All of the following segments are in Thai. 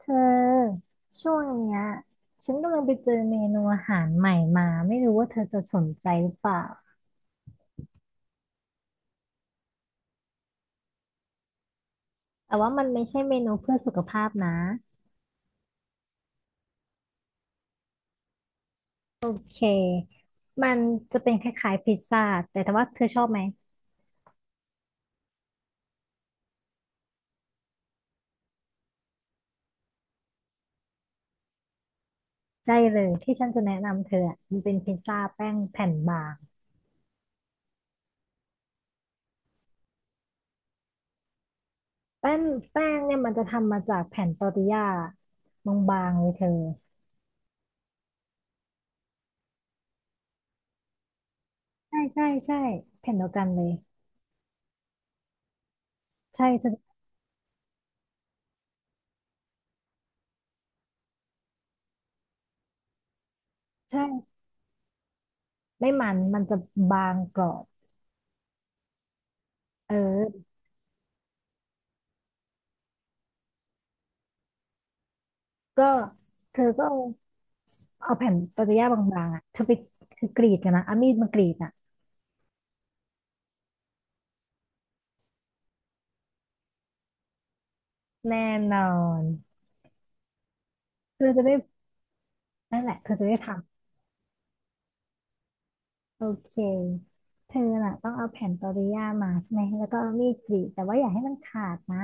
เธอช่วงเนี้ยฉันกำลังไปเจอเมนูอาหารใหม่มาไม่รู้ว่าเธอจะสนใจหรือเปล่าแต่ว่ามันไม่ใช่เมนูเพื่อสุขภาพนะโอเคมันจะเป็นคล้ายๆพิซซ่าแต่ถ้าว่าเธอชอบไหมได้เลยที่ฉันจะแนะนำเธออะมันเป็นพิซซ่าแป้งแผ่นบางแป้งแป้งเนี่ยมันจะทำมาจากแผ่นตอร์ติญาบางๆเลยเธอใช่แผ่นเดียวกันเลยใช่เธอใช่ไม่มันจะบางกรอบเออ ก็เธอก็เอาเอาแผ่นปาเปย่าบางๆอ่ะเธอไปคือกรีดกันนะเอามีดมากรีดอ่ะแน่นอนเธอจะได้นั่นแหละเธอจะได้ทำโอเคเธอน่ะต้องเอาแผ่นปาเปย่ามาใช่ไหมแล้วก็เอามีดกรีดแต่ว่าอย่าให้มันขาดนะ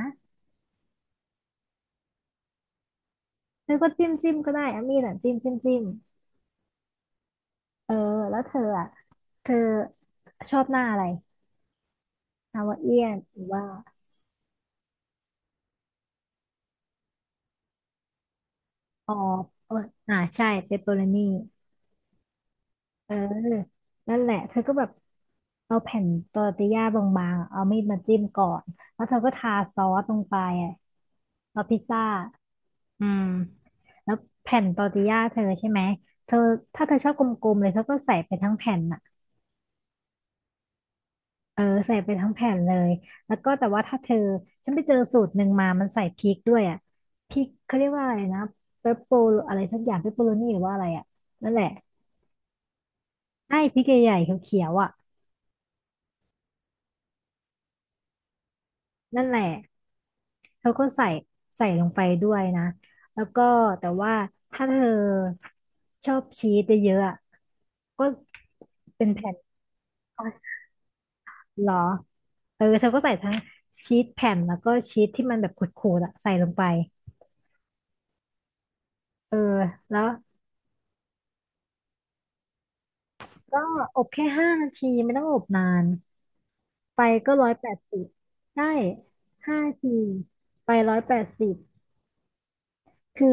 เธอก็จิ้มก็ได้เอามีดอ่ะจิ้มเออแล้วเธออ่ะเธอชอบหน้าอะไรฮาวาเอียนหรือว่าออเอออ่าใช่เปปเปอโรนี่ เออ นั่นแหละเธอก็แบบเอาแผ่นตอร์ติญญาบางๆอะเอามีดมาจิ้มก่อนแล้วเธอก็ทาซอสลงไปอ่ะเอาพิซซ่าอืมแล้วแผ่นตอร์ติญญาเธอใช่ไหมเธอถ้าเธอชอบกลมๆเลยเธอก็ใส่ไปทั้งแผ่นน่ะเออใส่ไปทั้งแผ่นเลยแล้วก็แต่ว่าถ้าเธอฉันไปเจอสูตรหนึ่งมามันใส่พริกด้วยอ่ะพริกเขาเรียกว่าอะไรนะเปปโปอะไรสักอย่างเปปโปโรนี่หรือว่าอะไรอ่ะนั่นแหละใอ้พริกใหญ่ๆเขียวๆอ่ะนั่นแหละ เขาก็ใส่ใส่ลงไปด้วยนะแล้วก็แต่ว่าถ้าเธอชอบชีสเยอะๆอะก็เป็นแผ่นอ๋อเหรอเออเธอก็ใส่ทั้งชีสแผ่นแล้วก็ชีสที่มันแบบขูดๆอะใส่ลงไปเออแล้วก็อบแค่ห้านาทีไม่ต้องอบนานไฟก็ร้อยแปดสิบได้ห้านาทีไปร้อยแปดสิบคือ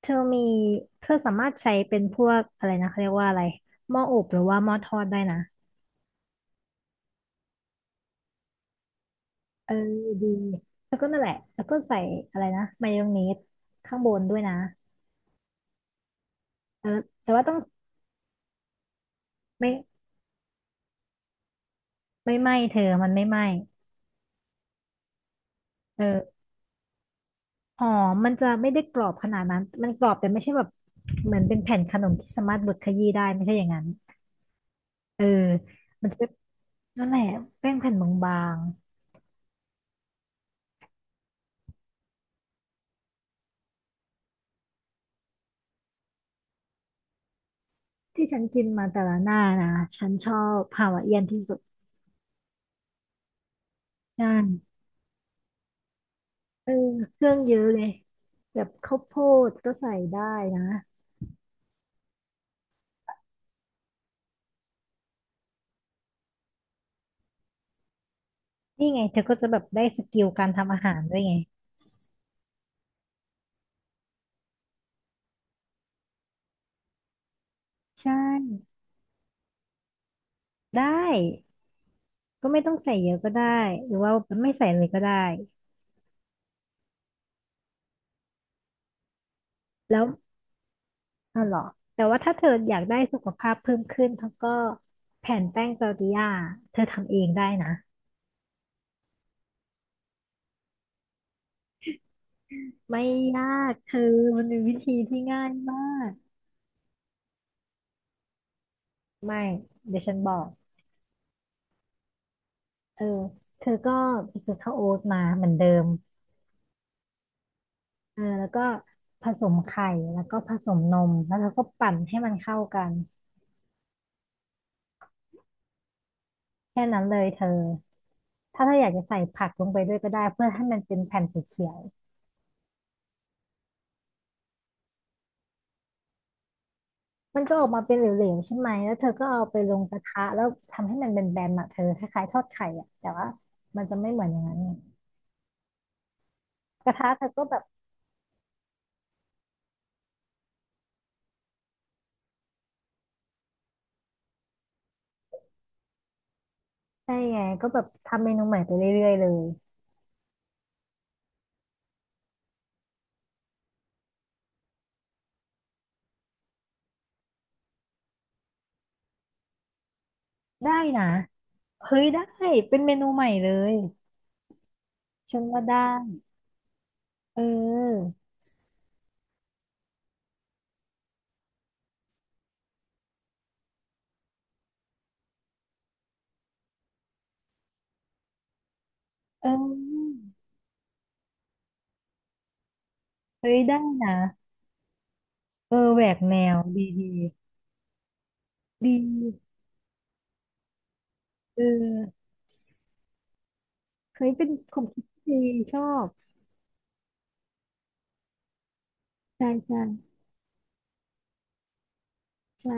เธอมีเธอสามารถใช้เป็นพวกอะไรนะเขาเรียกว่าอะไรหม้ออบหรือว่าหม้อทอดได้นะ เออดีแล้วก็นั่นแหละแล้วก็ใส่อะไรนะมายองเนสข้างบนด้วยนะเออแต่ว่าต้องไม่ไม่ไหม้เธอมันไม่ไหม้เออหอมมันจะไม่ได้กรอบขนาดนั้นมันกรอบแต่ไม่ใช่แบบเหมือนเป็นแผ่นขนมที่สามารถบดขยี้ได้ไม่ใช่อย่างนั้นเออมันจะเป็นนั่นแหละแป้งแผ่นบางๆที่ฉันกินมาแต่ละหน้านะฉันชอบฮาวายเอียนที่สุดใช่เออเครื่องเยอะเลยแบบข้าวโพดก็ใส่ได้นะ นี่ไงเธอก็จะแบบได้สกิลการทำอาหารด้วยไงใช่ได้ก็ไม่ต้องใส่เยอะก็ได้หรือว่าไม่ใส่เลยก็ได้แล้วอ๋อเหรอแต่ว่าถ้าเธออยากได้สุขภาพเพิ่มขึ้นเธอก็แผ่นแป้งซาลตดิย่าเธอทำเองได้นะไม่ยากเธอมันเป็นวิธีที่ง่ายมากไม่เดี๋ยวฉันบอกเออเธอก็ไปซื้อข้าวโอ๊ตมาเหมือนเดิมเออแล้วก็ผสมไข่แล้วก็ผสมนมแล้วเธอก็ปั่นให้มันเข้ากัน แค่นั้นเลยเธอ ถ้าเธออยากจะใส่ผักลงไปด้วยก็ได้เพื่อให้มันเป็นแผ่นสีเขียวมันก็ออกมาเป็นเหลวๆใช่ไหม แล้วเธอก็เอาไปลงกระทะแล้วทำให้มันเป็นแบนๆอ่ะเธอคล้ายๆทอดไข่อ่ะแต่ว่ามันจะไม่เหมือนอย่างนั้นไงกระทะเธอก็แบบได้ไงก็แบบทำเมนูใหม่ไปเรื่อยๆเลย ได้นะเฮ้ยได้เป็นเมนูใหม่เลยฉันว่าได้เออเออเฮ้ยได้นะเออแหวกแนวดีดีดีเออเฮ้ยเป็นความคิดที่ดีชอบ ใช่ใช่ใช่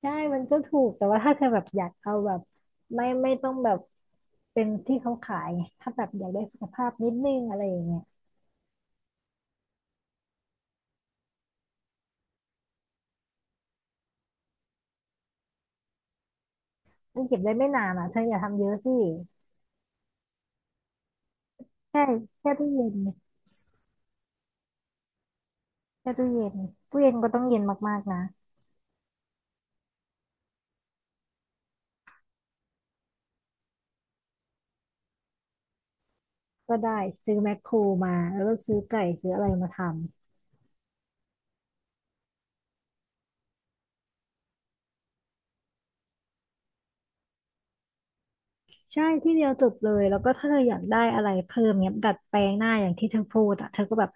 ใช่มันก็ถูกแต่ว่าถ้าเธอแบบอยากเอาแบบไม่ต้องแบบเป็นที่เขาขายไงถ้าแบบอยากได้สุขภาพนิดนึงอะไรอย่างเงี้ยมันเก็บได้ไม่นานอ่ะเธออย่าทำเยอะสิใช่แค่ตู้เย็นแค่ตู้เย็นตู้เย็นก็ต้องเย็นมากๆนะก็ได้ซื้อแมคโครมาแล้วก็ซื้อไก่ซื้ออะไรมาทำใช่ที่เดียวจบเลยแล้วก็ถ้าเธออยากได้อะไรเพิ่มเนี้ยดัดแปลงหน้าอย่างที่เธอพูดอ่ะเธอก็แบบ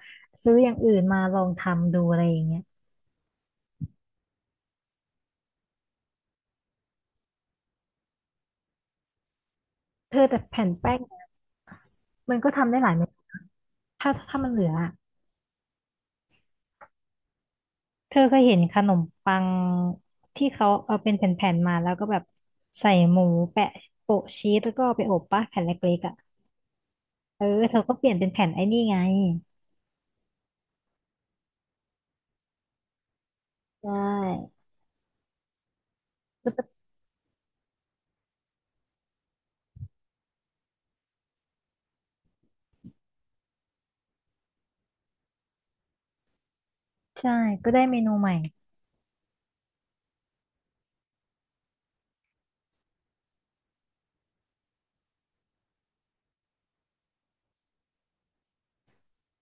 ซื้ออย่างอื่นมาลองทำดูอะไรอย่างเงี้ยเธอแต่แผ่นแป้ง มันก็ทำได้หลายเมนูถ้ามันเหลืออะเธอเคยเห็นขนมปังที่เขาเอาเป็นแผ่นๆมาแล้วก็แบบใส่หมูแปะโปะชีสแล้วก็เอาไปอบปะแผ่นเล็กๆอ่ะเออเธอก็เปลี่ยนเป็นแผ่นไอ้นี่ไงใช่ก็จะใช่ก็ได้เมนูใหม่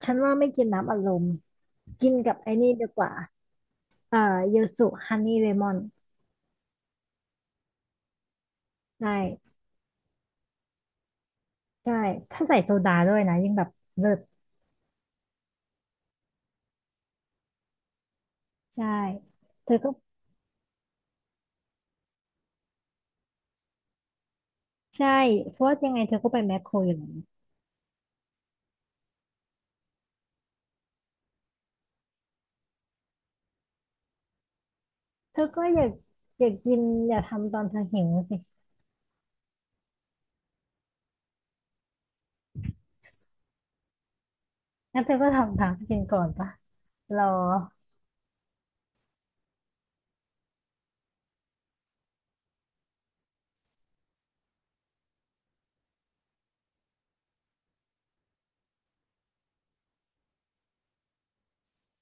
ฉันว่าไม่กินน้ำอัดลมกินกับไอ้นี่ดีกว่าเอ่อเยลสุฮันนี่เลมอนได้ใช่ถ้าใส่โซดาด้วยนะยิ่งแบบเลิศใช่ เธอก็ใช่เพราะว่ายังไงเธอก็ไปแมคโครอยู่แล้ว เธอก็อยากอยากกินอย่าทำตอนเธอหิวสิงั้นเธอก็ทำตามกินก่อนปะรอ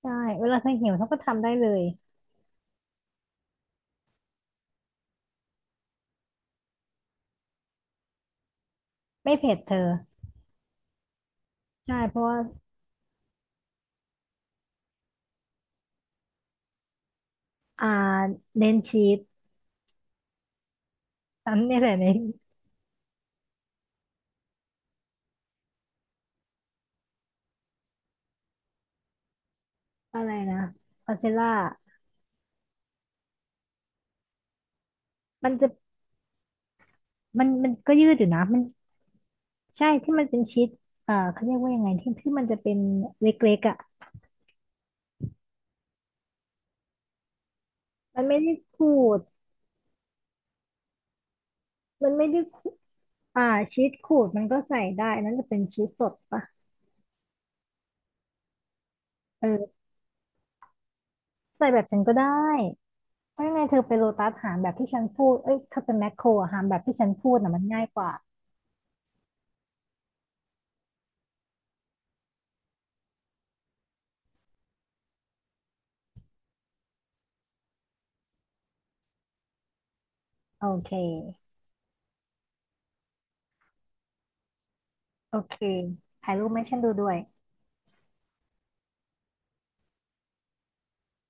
ใช่เวลาเธอหิวเธอก็ทำได้เลยไม่เผ็ดเธอใช่เพราะว่าอ่าเน้นชีสอันนี้แหละเน้นอะไรนะพาเซล่ามันจะมันก็ยืดอยู่นะมันใช่ที่มันเป็นชีสเขาเรียกว่ายังไงที่มันจะเป็นเล็กๆอ่ะมันไม่ได้ขูดมันไม่ได้ขูดอ่าชีสขูดมันก็ใส่ได้อันนั่นจะเป็นชีสสดปะเออใส่แบบฉันก็ได้ ไม่เธอไปโลตัสหารแบบที่ฉันพูดเอ้ยเธอเป็นแมคโครหารแบบที่ฉันพูดน่ะมันง่ายกว่าโอเคโอเคถ่ายรูปให้ฉันดูด้วย